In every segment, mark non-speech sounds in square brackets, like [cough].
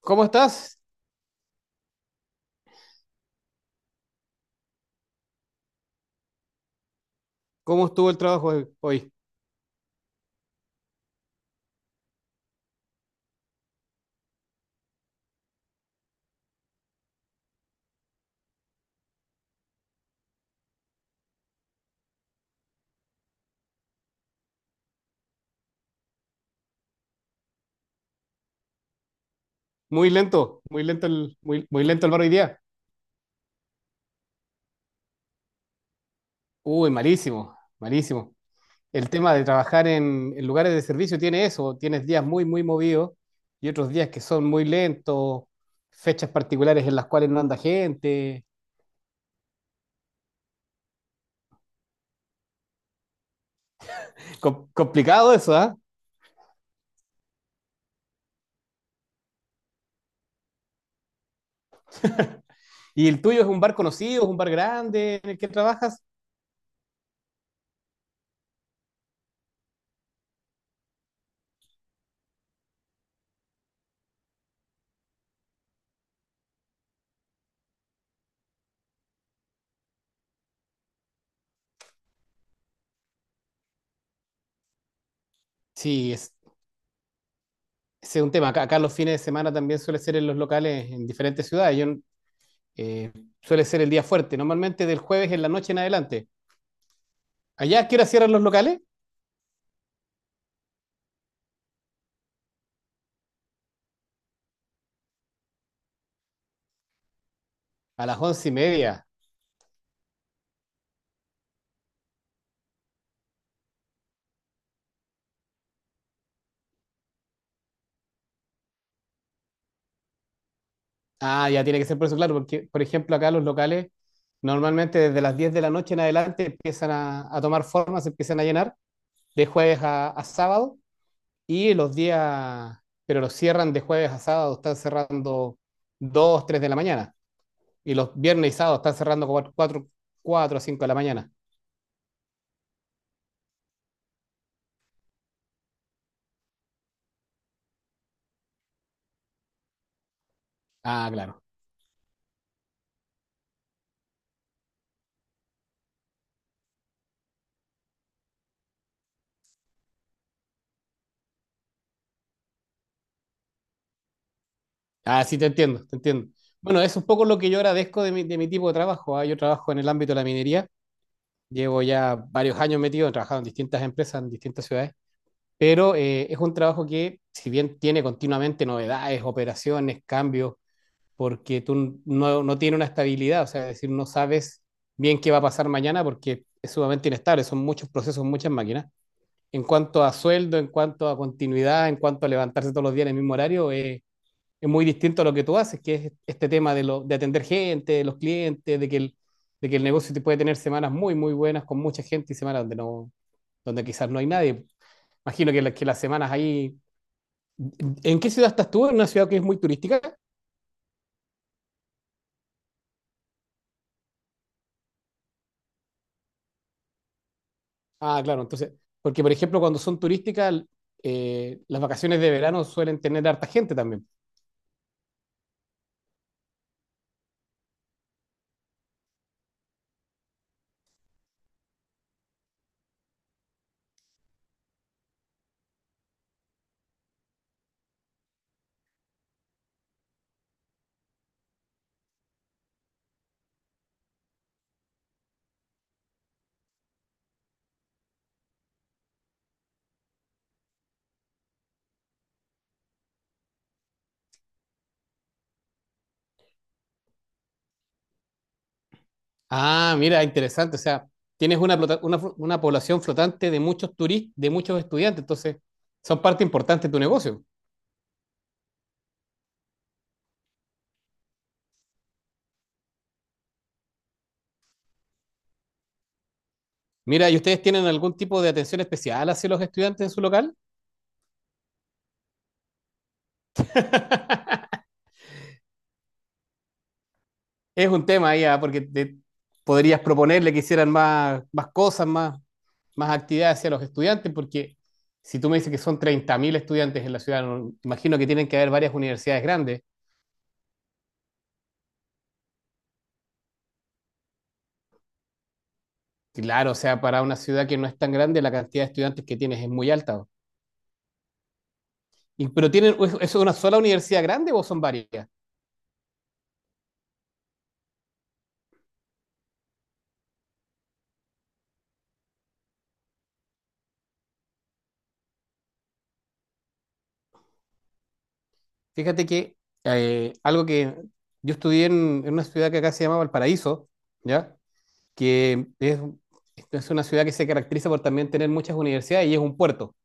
¿Cómo estás? ¿Cómo estuvo el trabajo hoy? Muy, muy lento el bar hoy día. Uy, malísimo, malísimo. El tema de trabajar en lugares de servicio tiene eso, tienes días muy, muy movidos y otros días que son muy lentos, fechas particulares en las cuales no anda gente. Complicado eso, ¿ah? ¿Y el tuyo es un bar conocido, es un bar grande en el que trabajas? Sí, es, ese es un tema. Acá los fines de semana también suele ser en los locales en diferentes ciudades. Yo eh, Suele ser el día fuerte, normalmente del jueves en la noche en adelante. ¿Allá a qué hora cierran los locales? A las 11:30. Ah, ya tiene que ser por eso, claro, porque por ejemplo acá los locales normalmente desde las 10 de la noche en adelante empiezan a tomar forma, se empiezan a llenar de jueves a sábado y los días, pero los cierran de jueves a sábado, están cerrando 2, 3 de la mañana y los viernes y sábados están cerrando 4, 4 a 5 de la mañana. Ah, claro. Ah, sí, te entiendo, te entiendo. Bueno, es un poco lo que yo agradezco de mi tipo de trabajo, ¿ah? Yo trabajo en el ámbito de la minería. Llevo ya varios años metido, he trabajado en distintas empresas, en distintas ciudades, pero es un trabajo que, si bien tiene continuamente novedades, operaciones, cambios, porque tú no tienes una estabilidad, o sea, es decir, no sabes bien qué va a pasar mañana porque es sumamente inestable, son muchos procesos, muchas máquinas. En cuanto a sueldo, en cuanto a continuidad, en cuanto a levantarse todos los días en el mismo horario, es muy distinto a lo que tú haces, que es este tema de atender gente, de los clientes, de que el negocio te puede tener semanas muy, muy buenas con mucha gente y semanas donde, no, donde quizás no hay nadie. Imagino que las semanas ahí... ¿En qué ciudad estás tú? ¿En una ciudad que es muy turística? Ah, claro, entonces, porque por ejemplo cuando son turísticas, las vacaciones de verano suelen tener harta gente también. Ah, mira, interesante, o sea, tienes una población flotante de muchos turistas, de muchos estudiantes, entonces son parte importante de tu negocio. Mira, ¿y ustedes tienen algún tipo de atención especial hacia los estudiantes en su local? [laughs] Es un tema ya, porque podrías proponerle que hicieran más cosas, más actividades hacia los estudiantes, porque si tú me dices que son 30.000 estudiantes en la ciudad, imagino que tienen que haber varias universidades grandes. Claro, o sea, para una ciudad que no es tan grande, la cantidad de estudiantes que tienes es muy alta. Y- pero tienen, ¿es una sola universidad grande o son varias? Fíjate que algo que yo estudié en una ciudad que acá se llama Valparaíso, ¿ya? Que es una ciudad que se caracteriza por también tener muchas universidades y es un puerto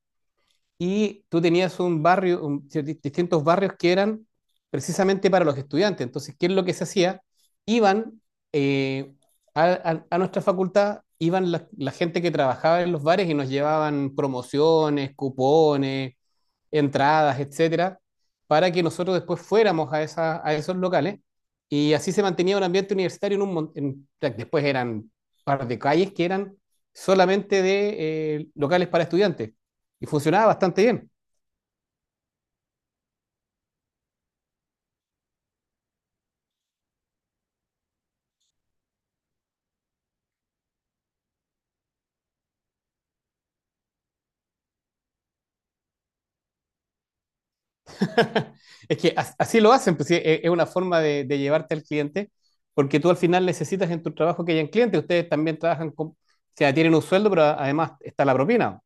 y tú tenías un barrio, un- distintos barrios que eran precisamente para los estudiantes. Entonces, ¿qué es lo que se hacía? Iban eh, a nuestra facultad, iban la gente que trabajaba en los bares y nos llevaban promociones, cupones, entradas, etcétera, para que nosotros después fuéramos a esos locales. Y así se mantenía un ambiente universitario después eran un par de calles que eran solamente de locales para estudiantes. Y funcionaba bastante bien. [laughs] es que así lo hacen, pues, sí, es una forma de llevarte al cliente, porque tú al final necesitas en tu trabajo que hayan clientes. Ustedes también trabajan con, o sea, tienen un sueldo, pero además está la propina.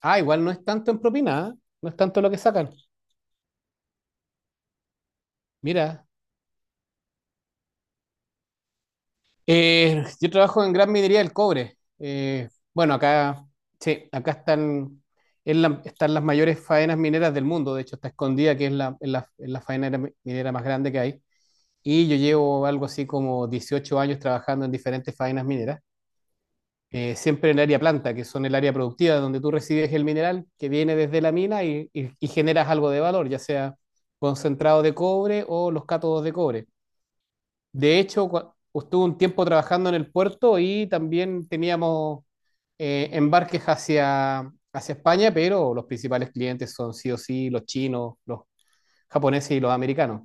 Ah, igual no es tanto en propina, ¿ah? No es tanto lo que sacan. Mira, yo trabajo en gran minería del cobre. Bueno, acá, sí, acá están, están las mayores faenas mineras del mundo. De hecho, está escondida, que es la faena minera más grande que hay. Y yo llevo algo así como 18 años trabajando en diferentes faenas mineras, siempre en el área planta, que son el área productiva, donde tú recibes el mineral que viene desde la mina y generas algo de valor, ya sea concentrado de cobre o los cátodos de cobre. De hecho, estuve un tiempo trabajando en el puerto y también teníamos embarques hacia España, pero los principales clientes son sí o sí los chinos, los japoneses y los americanos.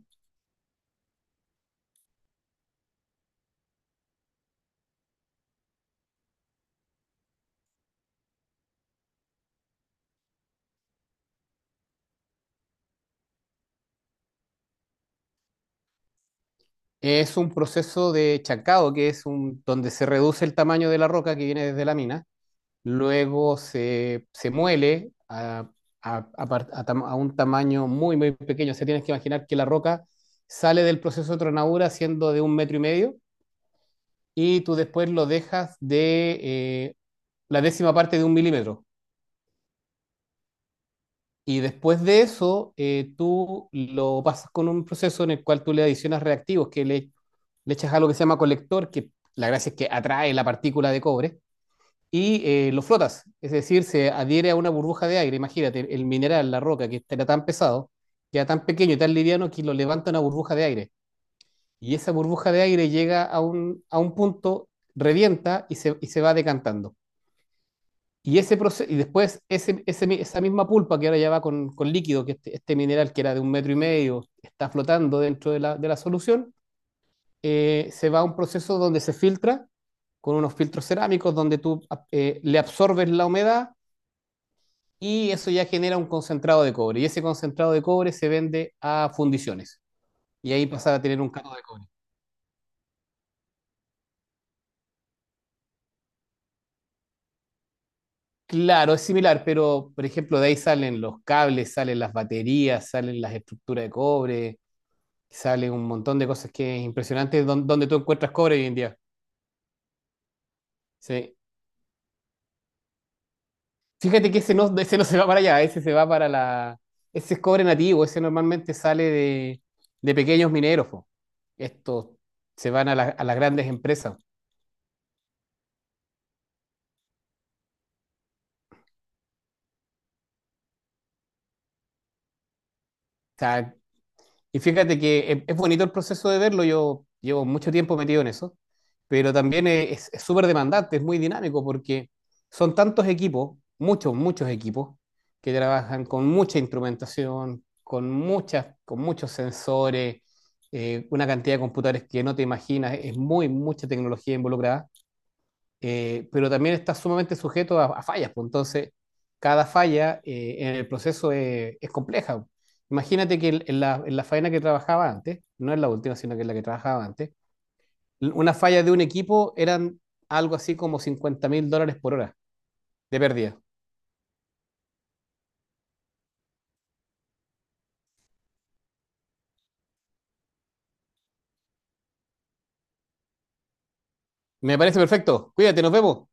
Es un proceso de chancado, que es un, donde se reduce el tamaño de la roca que viene desde la mina, luego se muele a un tamaño muy, muy pequeño. O sea, tienes que imaginar que la roca sale del proceso de tronadura siendo de un metro y medio y tú después lo dejas de la décima parte de un milímetro. Y después de eso, tú lo pasas con un proceso en el cual tú le adicionas reactivos, que le echas algo que se llama colector, que la gracia es que atrae la partícula de cobre, y lo flotas. Es decir, se adhiere a una burbuja de aire. Imagínate, el mineral, la roca, que este era tan pesado, que era tan pequeño y tan liviano que lo levanta una burbuja de aire. Y esa burbuja de aire llega a un punto, revienta y se va decantando. Y, ese proceso, y después esa misma pulpa que ahora ya va con, líquido, que este mineral que era de un metro y medio está flotando dentro de la solución, se va a un proceso donde se filtra con unos filtros cerámicos donde tú le absorbes la humedad y eso ya genera un concentrado de cobre. Y ese concentrado de cobre se vende a fundiciones y ahí pasa a tener un cátodo de cobre. Claro, es similar, pero por ejemplo de ahí salen los cables, salen las baterías, salen las estructuras de cobre. Sale un montón de cosas que es impresionante don- donde tú encuentras cobre hoy en día. Sí. Fíjate que ese no se va para allá, ese se va para la... Ese es cobre nativo, ese normalmente sale de pequeños mineros. Po. Estos se van a las grandes empresas. O sea, y fíjate que es bonito el proceso de verlo, yo llevo mucho tiempo metido en eso, pero también es súper demandante, es muy dinámico porque son tantos equipos, muchos, muchos equipos, que trabajan con mucha instrumentación, con muchos sensores, una cantidad de computadores que no te imaginas, es mucha tecnología involucrada pero también está sumamente sujeto a fallas, pues entonces cada falla en el proceso es compleja. Imagínate que en en la faena que trabajaba antes, no es la última, sino que es la que trabajaba antes, una falla de un equipo eran algo así como 50.000 dólares por hora de pérdida. Me parece perfecto. Cuídate, nos vemos.